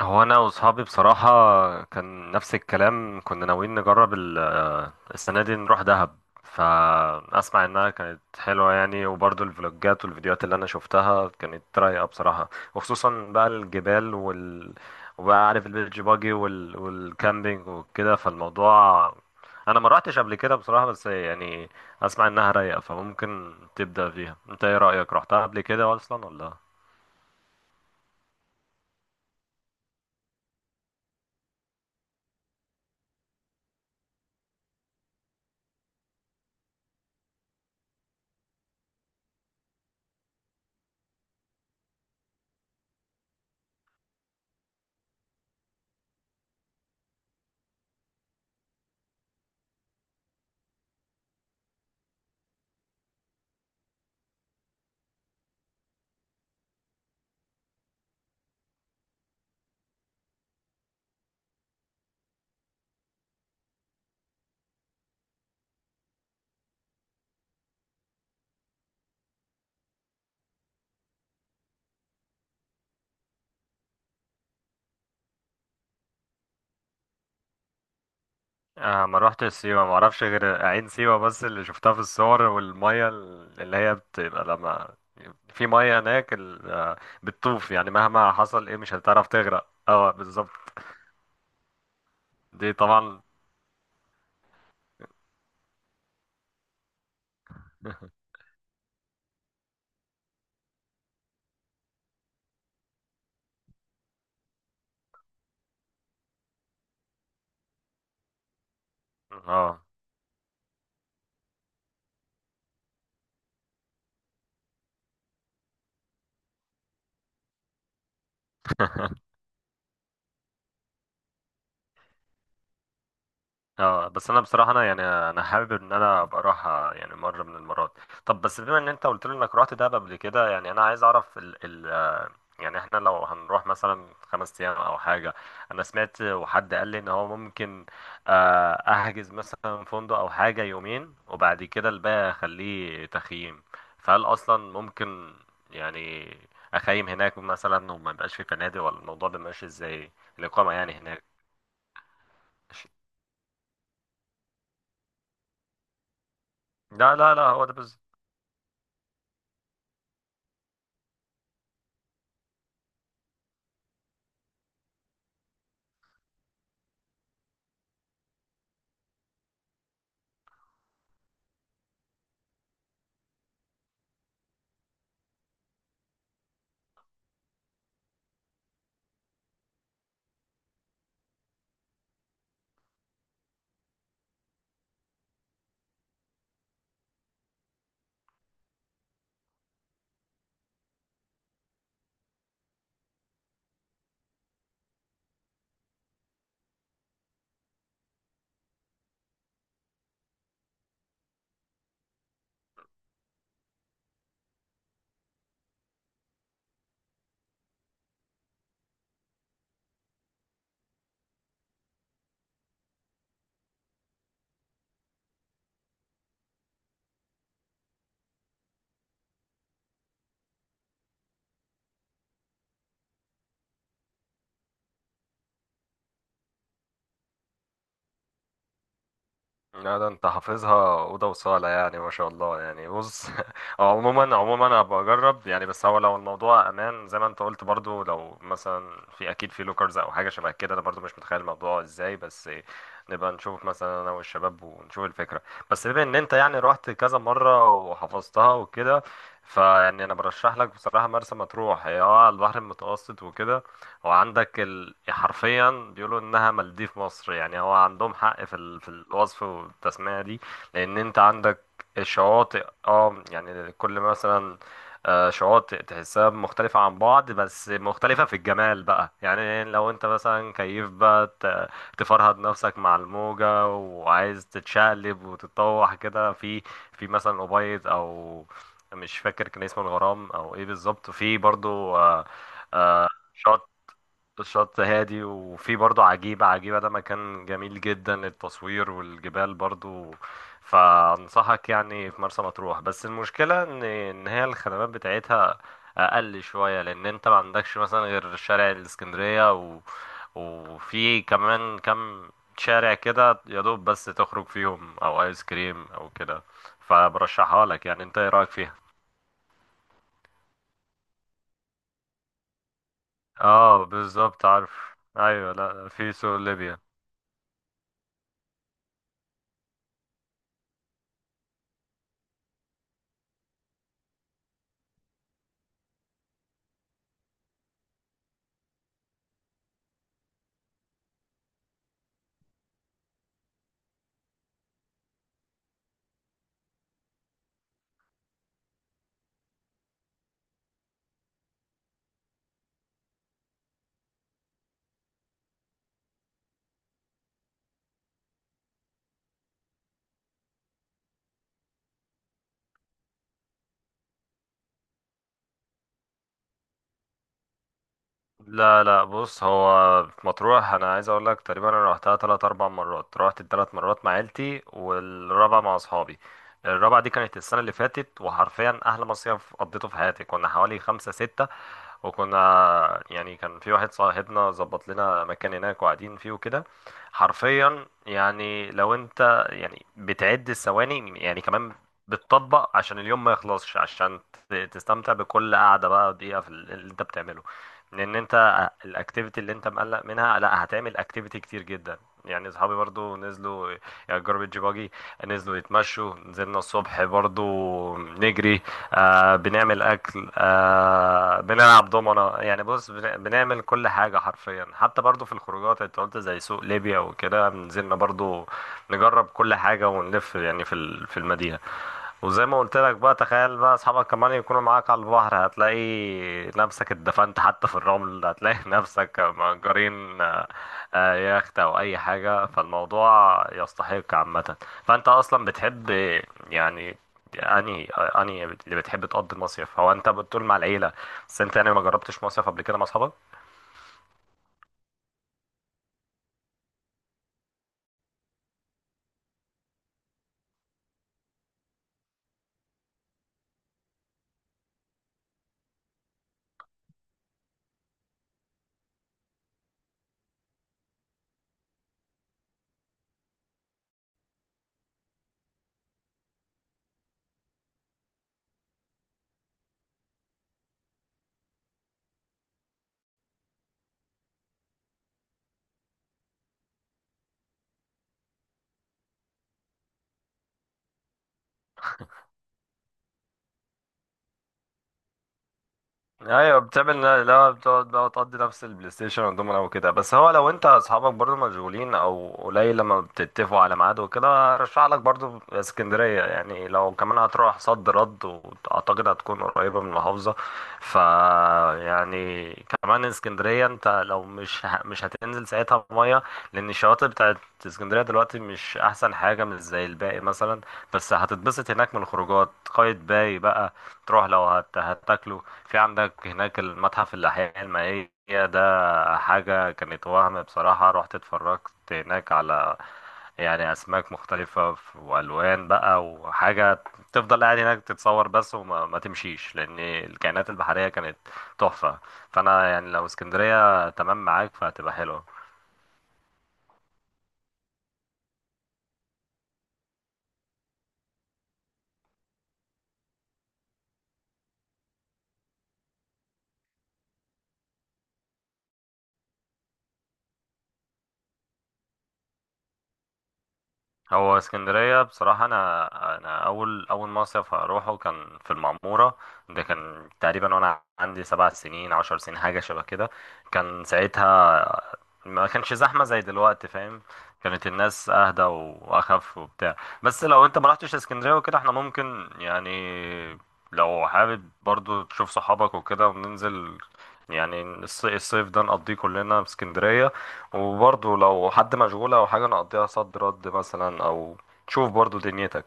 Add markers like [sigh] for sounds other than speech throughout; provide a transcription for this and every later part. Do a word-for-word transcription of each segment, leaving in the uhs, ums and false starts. هو انا واصحابي بصراحه كان نفس الكلام كنا ناويين نجرب ال- آه، السنه دي نروح دهب. فاسمع انها كانت حلوه، يعني وبرضو الفلوجات والفيديوهات اللي انا شفتها كانت رايقه بصراحه، وخصوصا بقى الجبال وال، وبقى عارف البيتش باجي وال... والكامبينج وكده. فالموضوع انا ما رحتش قبل كده بصراحه، بس يعني اسمع انها رايقه، فممكن تبدا فيها. انت ايه رايك؟ رحتها قبل كده اصلا ولا؟ آه، ما روحتش سيوة، ما اعرفش غير عين سيوة بس، اللي شفتها في الصور، والمية اللي هي بتبقى لما في مية هناك ال- آه، بتطوف. يعني مهما حصل ايه مش هتعرف تغرق. اه بالظبط. دي طبعا. اه. [laughs] اه بس انا بصراحة، انا يعني انا حابب ان انا ابقى اروح آه، يعني مرة من المرات. طب بس بما ان انت قلت لي انك رحت دهب قبل كده، يعني انا عايز اعرف، يعني احنا لو هنروح مثلا خمس ايام او حاجه. انا سمعت وحد قال لي ان هو ممكن آه، احجز مثلا فندق او حاجه يومين، وبعد كده الباقي اخليه تخييم. فهل اصلا ممكن يعني اخيم هناك مثلا وما يبقاش في فنادق، ولا الموضوع بيبقى ماشي ازاي الاقامه يعني هناك؟ لا لا لا، هو ده بس. لا ده انت حافظها اوضه وصاله، يعني ما شاء الله، يعني بص. [laughs] هو عموما عموما انا بجرب يعني، بس هو لو الموضوع امان زي ما انت قلت، برضو لو مثلا في اكيد في لوكرز او حاجه شبه كده. انا برضو مش متخيل الموضوع ازاي، بس نبقى نشوف مثلا انا والشباب ونشوف الفكره. بس بما ان انت يعني رحت كذا مره وحفظتها وكده، فيعني انا برشح لك بصراحه مرسى مطروح، هي اه على البحر المتوسط وكده. هو عندك ال... حرفيا بيقولوا انها مالديف مصر. يعني هو عندهم حق في ال... في الوصف والتسمية دي. لان انت عندك شواطئ، اه يعني كل مثلا آه، شواطئ تحسها مختلفة عن بعض، بس مختلفة في الجمال بقى. يعني لو انت مثلا كيف بقى ت- تفرهد نفسك مع الموجة وعايز تتشقلب وتتطوح كده، في في مثلا أبيض او مش فاكر كان اسمه الغرام او ايه بالظبط، في برضو آه، آه، شاطئ الشط هادي، وفي برضه عجيبة. عجيبة ده مكان جميل جدا للتصوير، والجبال برضه. فأنصحك يعني في مرسى مطروح. بس المشكلة إن إن هي الخدمات بتاعتها أقل شوية، لأن أنت ما عندكش مثلا غير شارع الإسكندرية و... وفي كمان كم شارع كده يا دوب، بس تخرج فيهم أو آيس كريم أو كده. فبرشحها لك. يعني أنت إيه رأيك فيها؟ اه بالظبط عارف. ايوه، لا في سوق ليبيا. لا لا، بص هو في مطروح انا عايز اقول لك، تقريبا انا رحتها تلات اربع مرات، رحت التلات مرات مع عيلتي، والرابعه مع اصحابي. الرابعه دي كانت السنه اللي فاتت، وحرفيا احلى مصيف قضيته في حياتي. كنا حوالي خمسة ستة، وكنا يعني كان في واحد صاحبنا ظبط لنا مكان هناك وقاعدين فيه وكده. حرفيا يعني لو انت يعني بتعد الثواني يعني، كمان بتطبق عشان اليوم ما يخلصش، عشان ت- تستمتع بكل قعدة بقى دقيقة في اللي انت بتعمله. لان انت الاكتيفيتي اللي انت مقلق منها، لا هتعمل اكتيفيتي كتير جدا. يعني اصحابي برضو نزلوا يعني جاربيج باجي، نزلوا يتمشوا، نزلنا الصبح برضو نجري، آه بنعمل اكل، آه بنلعب دومنة. يعني بص بن- بنعمل كل حاجة حرفيا. حتى برضو في الخروجات انت قلت زي سوق ليبيا وكده، نزلنا برضو نجرب كل حاجة، ونلف يعني في ال- في المدينة. وزي ما قلت لك بقى، تخيل بقى اصحابك كمان يكونوا معاك على البحر، هتلاقي نفسك اتدفنت حتى في الرمل، هتلاقي [laughs] نفسك مأجرين آه، آه، يخت او اي حاجة. فالموضوع يستحق عامة. فانت اصلا بتحب يعني انهي انهي اللي بتحب تقضي المصيف؟ هو انت بتقول مع العيلة، بس انت يعني ما جربتش مصيف قبل كده مع اصحابك. ايوه بتعمل، لا بتقعد بقى وتقضي نفس البلاي ستيشن والدومنا وكده. بس هو لو انت اصحابك برضو مشغولين او قليل لما بتتفقوا على ميعاد وكده، ارشح لك برضو اسكندريه. يعني لو كمان هتروح صد رد، واعتقد هتكون قريبه من المحافظه. ف يعني كمان اسكندريه انت لو مش ه... مش هتنزل ساعتها ميه، لان الشواطئ بتاعت اسكندريه دلوقتي مش احسن حاجه، مش زي الباقي مثلا. بس هتتبسط هناك من الخروجات. قايتباي بقى تروح لو هت... هتاكلوا. في عندك هناك المتحف الأحياء المائية، ده حاجة كانت وهم بصراحة. رحت اتفرجت هناك على يعني أسماك مختلفة ف- وألوان بقى وحاجة، تفضل قاعد هناك تتصور بس، وما ما تمشيش، لأن الكائنات البحرية كانت تحفة. فأنا يعني لو اسكندرية تمام معاك، فهتبقى حلوة. هو اسكندرية بصراحة، أنا أنا أول أول مصيف هروحه كان في المعمورة. ده كان تقريبا وأنا عندي سبع سنين عشر سنين حاجة شبه كده. كان ساعتها ما كانش زحمة زي دلوقتي، فاهم؟ كانت الناس اهدى واخف وبتاع. بس لو انت ما رحتش اسكندرية وكده، احنا ممكن يعني لو حابب برضو تشوف صحابك وكده وننزل يعني الص- الصيف ده نقضيه كلنا في اسكندرية. وبرضو لو حد مشغول او حاجة، نقضيها صد رد مثلا، او تشوف برضو دنيتك.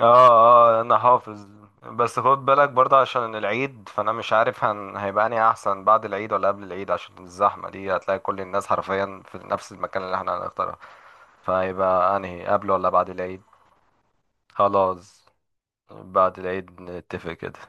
اه اه انا حافظ. بس خد بالك برضه عشان العيد، فانا مش عارف هن... هيبقى اني احسن بعد العيد ولا قبل العيد، عشان الزحمه دي هتلاقي كل الناس حرفيا في نفس المكان اللي احنا هنختاره. فهيبقى انهي، قبل ولا بعد العيد؟ خلاص، بعد العيد نتفق كده.